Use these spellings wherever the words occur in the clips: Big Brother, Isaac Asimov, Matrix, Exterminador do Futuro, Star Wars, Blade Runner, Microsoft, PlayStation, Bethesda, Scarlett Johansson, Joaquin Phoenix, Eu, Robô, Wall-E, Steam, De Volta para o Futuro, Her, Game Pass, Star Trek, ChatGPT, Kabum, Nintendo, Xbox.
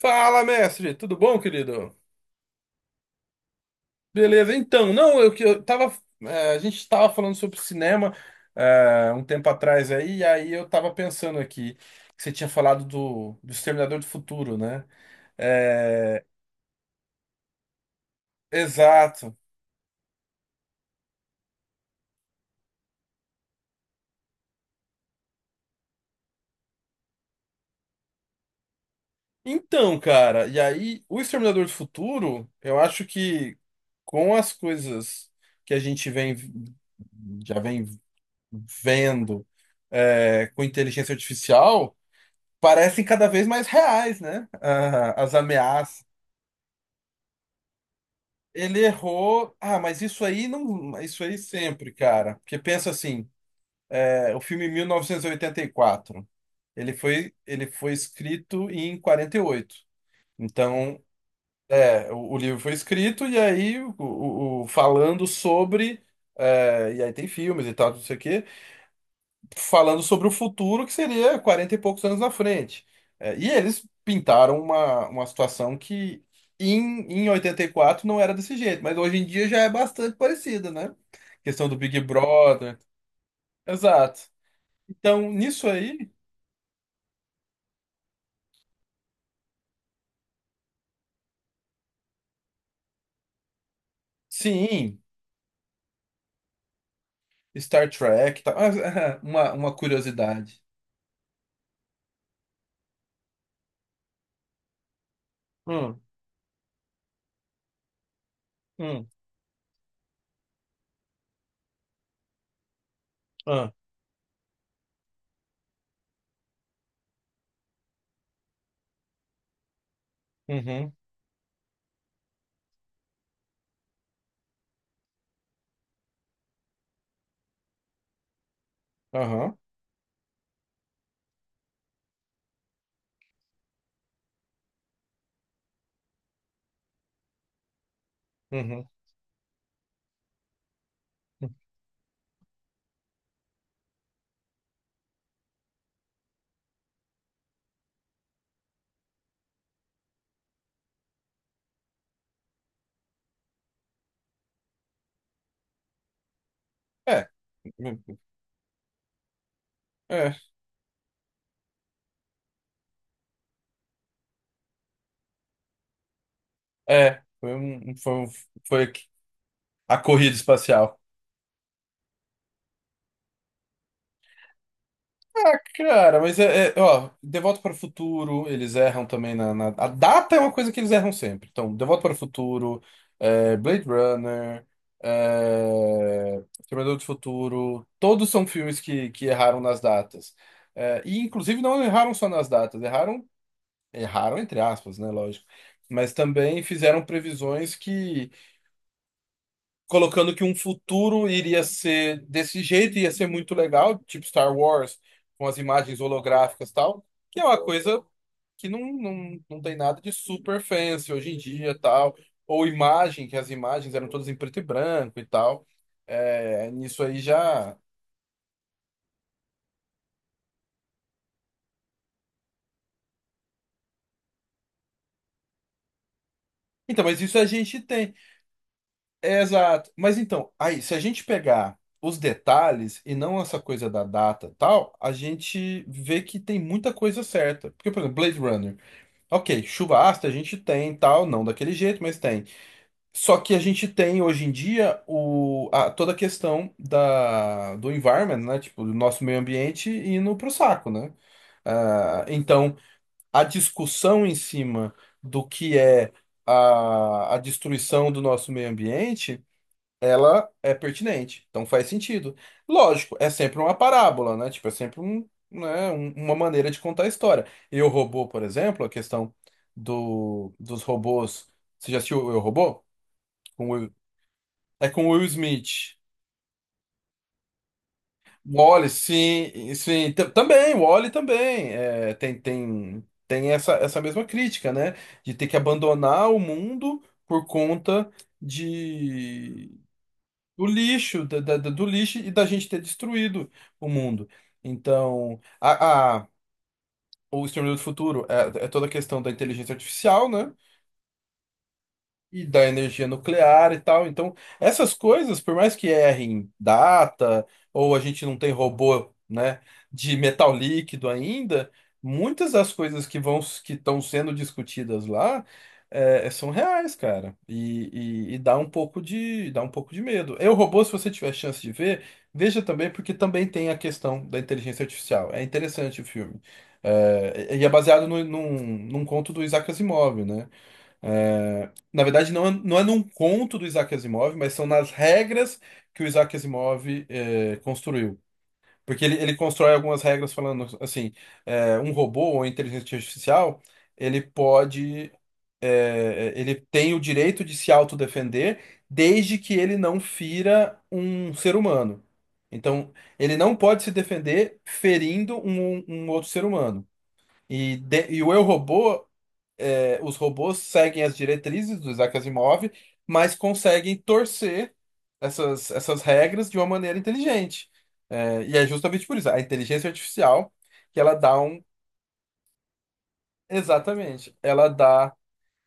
Fala, mestre, tudo bom, querido? Beleza, então, não, eu tava. A gente tava falando sobre cinema, um tempo atrás aí, e aí eu tava pensando aqui que você tinha falado do Exterminador do Futuro, né? É, exato. Então, cara, e aí o Exterminador do Futuro, eu acho que, com as coisas que a gente vem já vem vendo, com inteligência artificial, parecem cada vez mais reais, né? Ah, as ameaças. Ele errou. Ah, mas isso aí não, isso aí sempre, cara. Porque pensa assim, o filme 1984, ele foi escrito em 48. Então, o livro foi escrito e aí falando sobre, e aí tem filmes e tal, não sei o quê. Falando sobre o futuro que seria 40 e poucos anos na frente. É, e eles pintaram uma situação que em 84 não era desse jeito, mas hoje em dia já é bastante parecida, né? Questão do Big Brother. Exato. Então, nisso aí, sim, Star Trek, tá. Uma curiosidade. Hum. Hum. Ah. Uhum. Aham. Uhum. É, é, é, foi, um- foi, um- Foi a corrida espacial. Cara, mas ó, De Volta para o Futuro, eles erram também. A data é uma coisa que eles erram sempre. Então, De Volta para o Futuro, Blade Runner, Exterminador do Futuro, todos são filmes que erraram nas datas. É, e, inclusive, não erraram só nas datas, erraram entre aspas, né, lógico. Mas também fizeram previsões, colocando que um futuro iria ser desse jeito, ia ser muito legal, tipo Star Wars, com as imagens holográficas e tal, que é uma coisa que não tem nada de super fancy hoje em dia, tal, ou imagem, que as imagens eram todas em preto e branco e tal. É, nisso aí já. Então, mas isso a gente tem. É, exato. Mas então, aí, se a gente pegar os detalhes e não essa coisa da data e tal, a gente vê que tem muita coisa certa. Porque, por exemplo, Blade Runner. Ok, chuva ácida a gente tem, tal, não daquele jeito, mas tem. Só que a gente tem hoje em dia toda a questão do environment, né? Tipo, do nosso meio ambiente indo pro saco, né? Ah, então, a discussão em cima do que é a destruição do nosso meio ambiente, ela é pertinente, então faz sentido. Lógico, é sempre uma parábola, né? Tipo, é sempre né, uma maneira de contar a história. E o robô, por exemplo, a questão dos robôs. Você já assistiu Eu, Robô? Com o Will- é com o Will Smith. Wall-E, sim, sim, também, Wall-E também. É, tem essa mesma crítica, né? De ter que abandonar o mundo por conta de do lixo, do lixo, e da gente ter destruído o mundo. Então, o Exterminador do Futuro é toda a questão da inteligência artificial, né? E da energia nuclear e tal. Então, essas coisas, por mais que errem data, ou a gente não tem robô, né, de metal líquido ainda, muitas das coisas que estão sendo discutidas lá, são reais, cara. E dá um pouco de, dá um pouco de medo. Eu, robô, se você tiver chance de ver, veja também, porque também tem a questão da inteligência artificial. É interessante o filme. É, e é baseado no, num, num conto do Isaac Asimov, né? É, na verdade, não é num conto do Isaac Asimov, mas são nas regras que o Isaac Asimov construiu. Porque ele constrói algumas regras, falando assim, um robô ou inteligência artificial, ele pode, ele tem o direito de se autodefender, desde que ele não fira um ser humano. Então, ele não pode se defender ferindo um outro ser humano. E o eu robô, os robôs seguem as diretrizes do Isaac Asimov, mas conseguem torcer essas regras de uma maneira inteligente. É, e é justamente por isso, a inteligência artificial, que ela dá um. Exatamente, ela dá.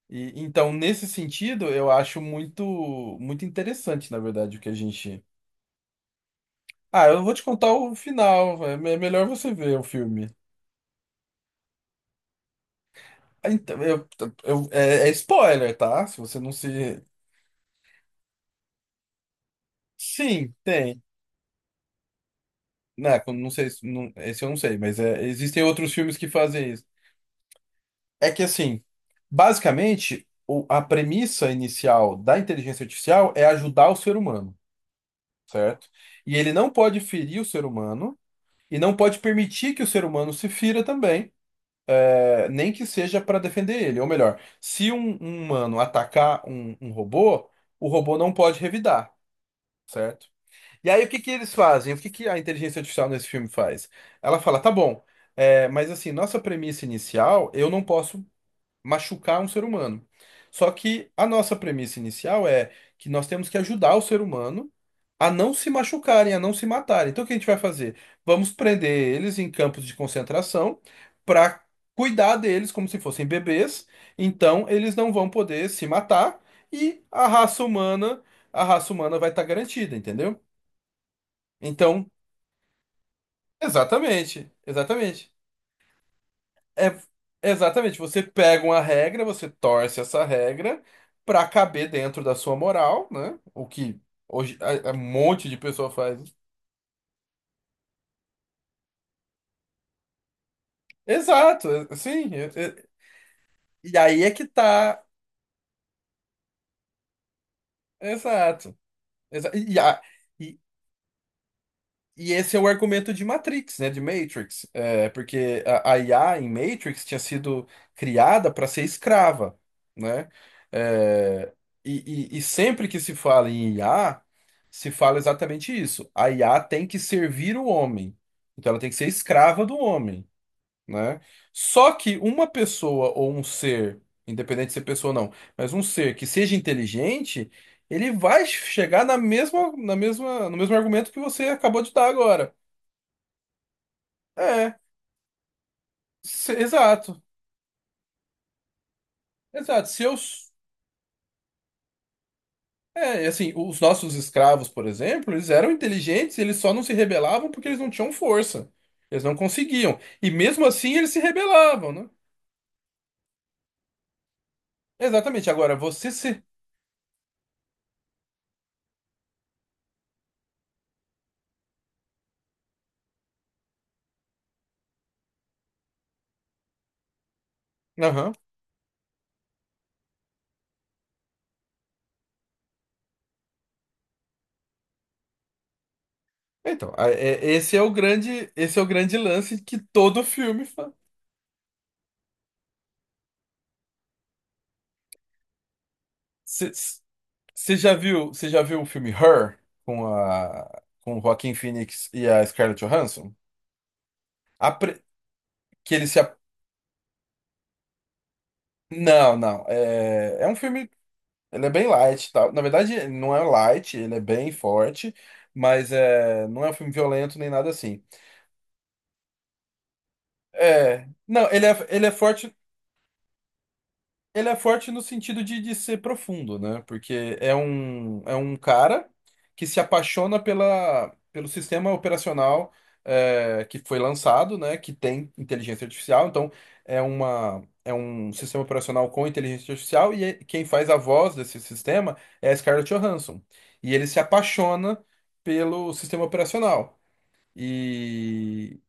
E então, nesse sentido, eu acho muito, muito interessante, na verdade, o que a gente. Ah, eu não vou te contar o final. É melhor você ver o filme. Então, é spoiler, tá? Se você não se. Sim, tem. Né, não sei, não, esse eu não sei, mas existem outros filmes que fazem isso. É que assim, basicamente, a premissa inicial da inteligência artificial é ajudar o ser humano, certo? E ele não pode ferir o ser humano e não pode permitir que o ser humano se fira também, nem que seja para defender ele. Ou melhor, se um humano atacar um robô, o robô não pode revidar, certo? E aí, o que que eles fazem? O que que a inteligência artificial nesse filme faz? Ela fala, tá bom, mas assim, nossa premissa inicial, eu não posso machucar um ser humano. Só que a nossa premissa inicial é que nós temos que ajudar o ser humano a não se machucarem, a não se matarem. Então, o que a gente vai fazer? Vamos prender eles em campos de concentração para cuidar deles como se fossem bebês. Então, eles não vão poder se matar, e a raça humana vai estar garantida, entendeu? Então, exatamente, exatamente. É, exatamente, você pega uma regra, você torce essa regra pra caber dentro da sua moral, né? O que hoje um monte de pessoa faz. Exato, sim. E aí é que tá. Exato. E, e esse é o argumento de Matrix, né? De Matrix. É, porque a IA em Matrix tinha sido criada para ser escrava, né? É, e sempre que se fala em IA, se fala exatamente isso. A IA tem que servir o homem. Então ela tem que ser escrava do homem, né? Só que uma pessoa ou um ser, independente de ser pessoa ou não, mas um ser que seja inteligente, ele vai chegar na mesma, no mesmo argumento que você acabou de dar agora. É, exato, exato. Se eu, s- assim, os nossos escravos, por exemplo, eles eram inteligentes, eles só não se rebelavam porque eles não tinham força. Eles não conseguiam. E mesmo assim eles se rebelavam, né? Exatamente. Agora, você se. Aham. Então, esse é o grande, esse é o grande lance que todo filme faz. Você já viu o filme Her com a com o Joaquin Phoenix e a Scarlett Johansson? A pre- que ele se ap- Não, não. É um filme, ele é bem light, e tal. Na verdade, ele não é light, ele é bem forte, mas não é um filme violento nem nada assim. É, não, ele é forte. Ele é forte no sentido de ser profundo, né? Porque é um cara que se apaixona pelo sistema operacional, que foi lançado, né? Que tem inteligência artificial. Então, é um sistema operacional com inteligência artificial, e quem faz a voz desse sistema é a Scarlett Johansson. E ele se apaixona pelo sistema operacional. E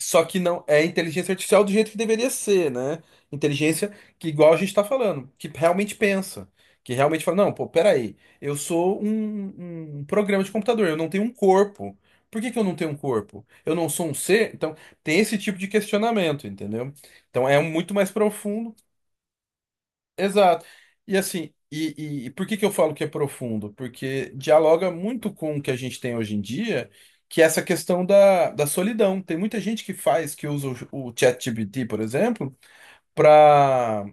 só que não é inteligência artificial do jeito que deveria ser, né? Inteligência que, igual a gente tá falando, que realmente pensa, que realmente fala, não, pô, peraí, eu sou um programa de computador, eu não tenho um corpo. Por que que eu não tenho um corpo? Eu não sou um ser? Então, tem esse tipo de questionamento, entendeu? Então, é muito mais profundo. Exato. E assim, e por que que eu falo que é profundo? Porque dialoga muito com o que a gente tem hoje em dia, que é essa questão da solidão. Tem muita gente que usa o ChatGPT, por exemplo, para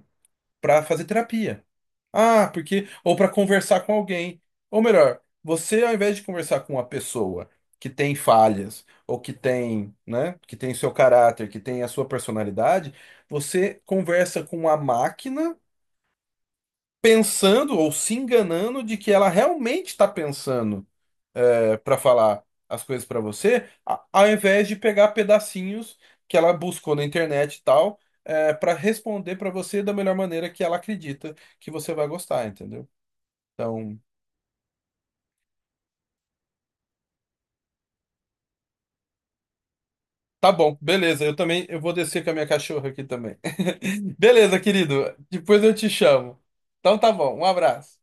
fazer terapia. Ah, porque ou para conversar com alguém. Ou melhor, você, ao invés de conversar com uma pessoa que tem falhas ou que tem, né, que tem seu caráter, que tem a sua personalidade, você conversa com uma máquina pensando ou se enganando de que ela realmente está pensando para falar as coisas para você, ao invés de pegar pedacinhos que ela buscou na internet e tal, para responder para você da melhor maneira que ela acredita que você vai gostar, entendeu? Então, tá bom, beleza. Eu também, eu vou descer com a minha cachorra aqui também. Beleza, querido. Depois eu te chamo. Então tá bom. Um abraço.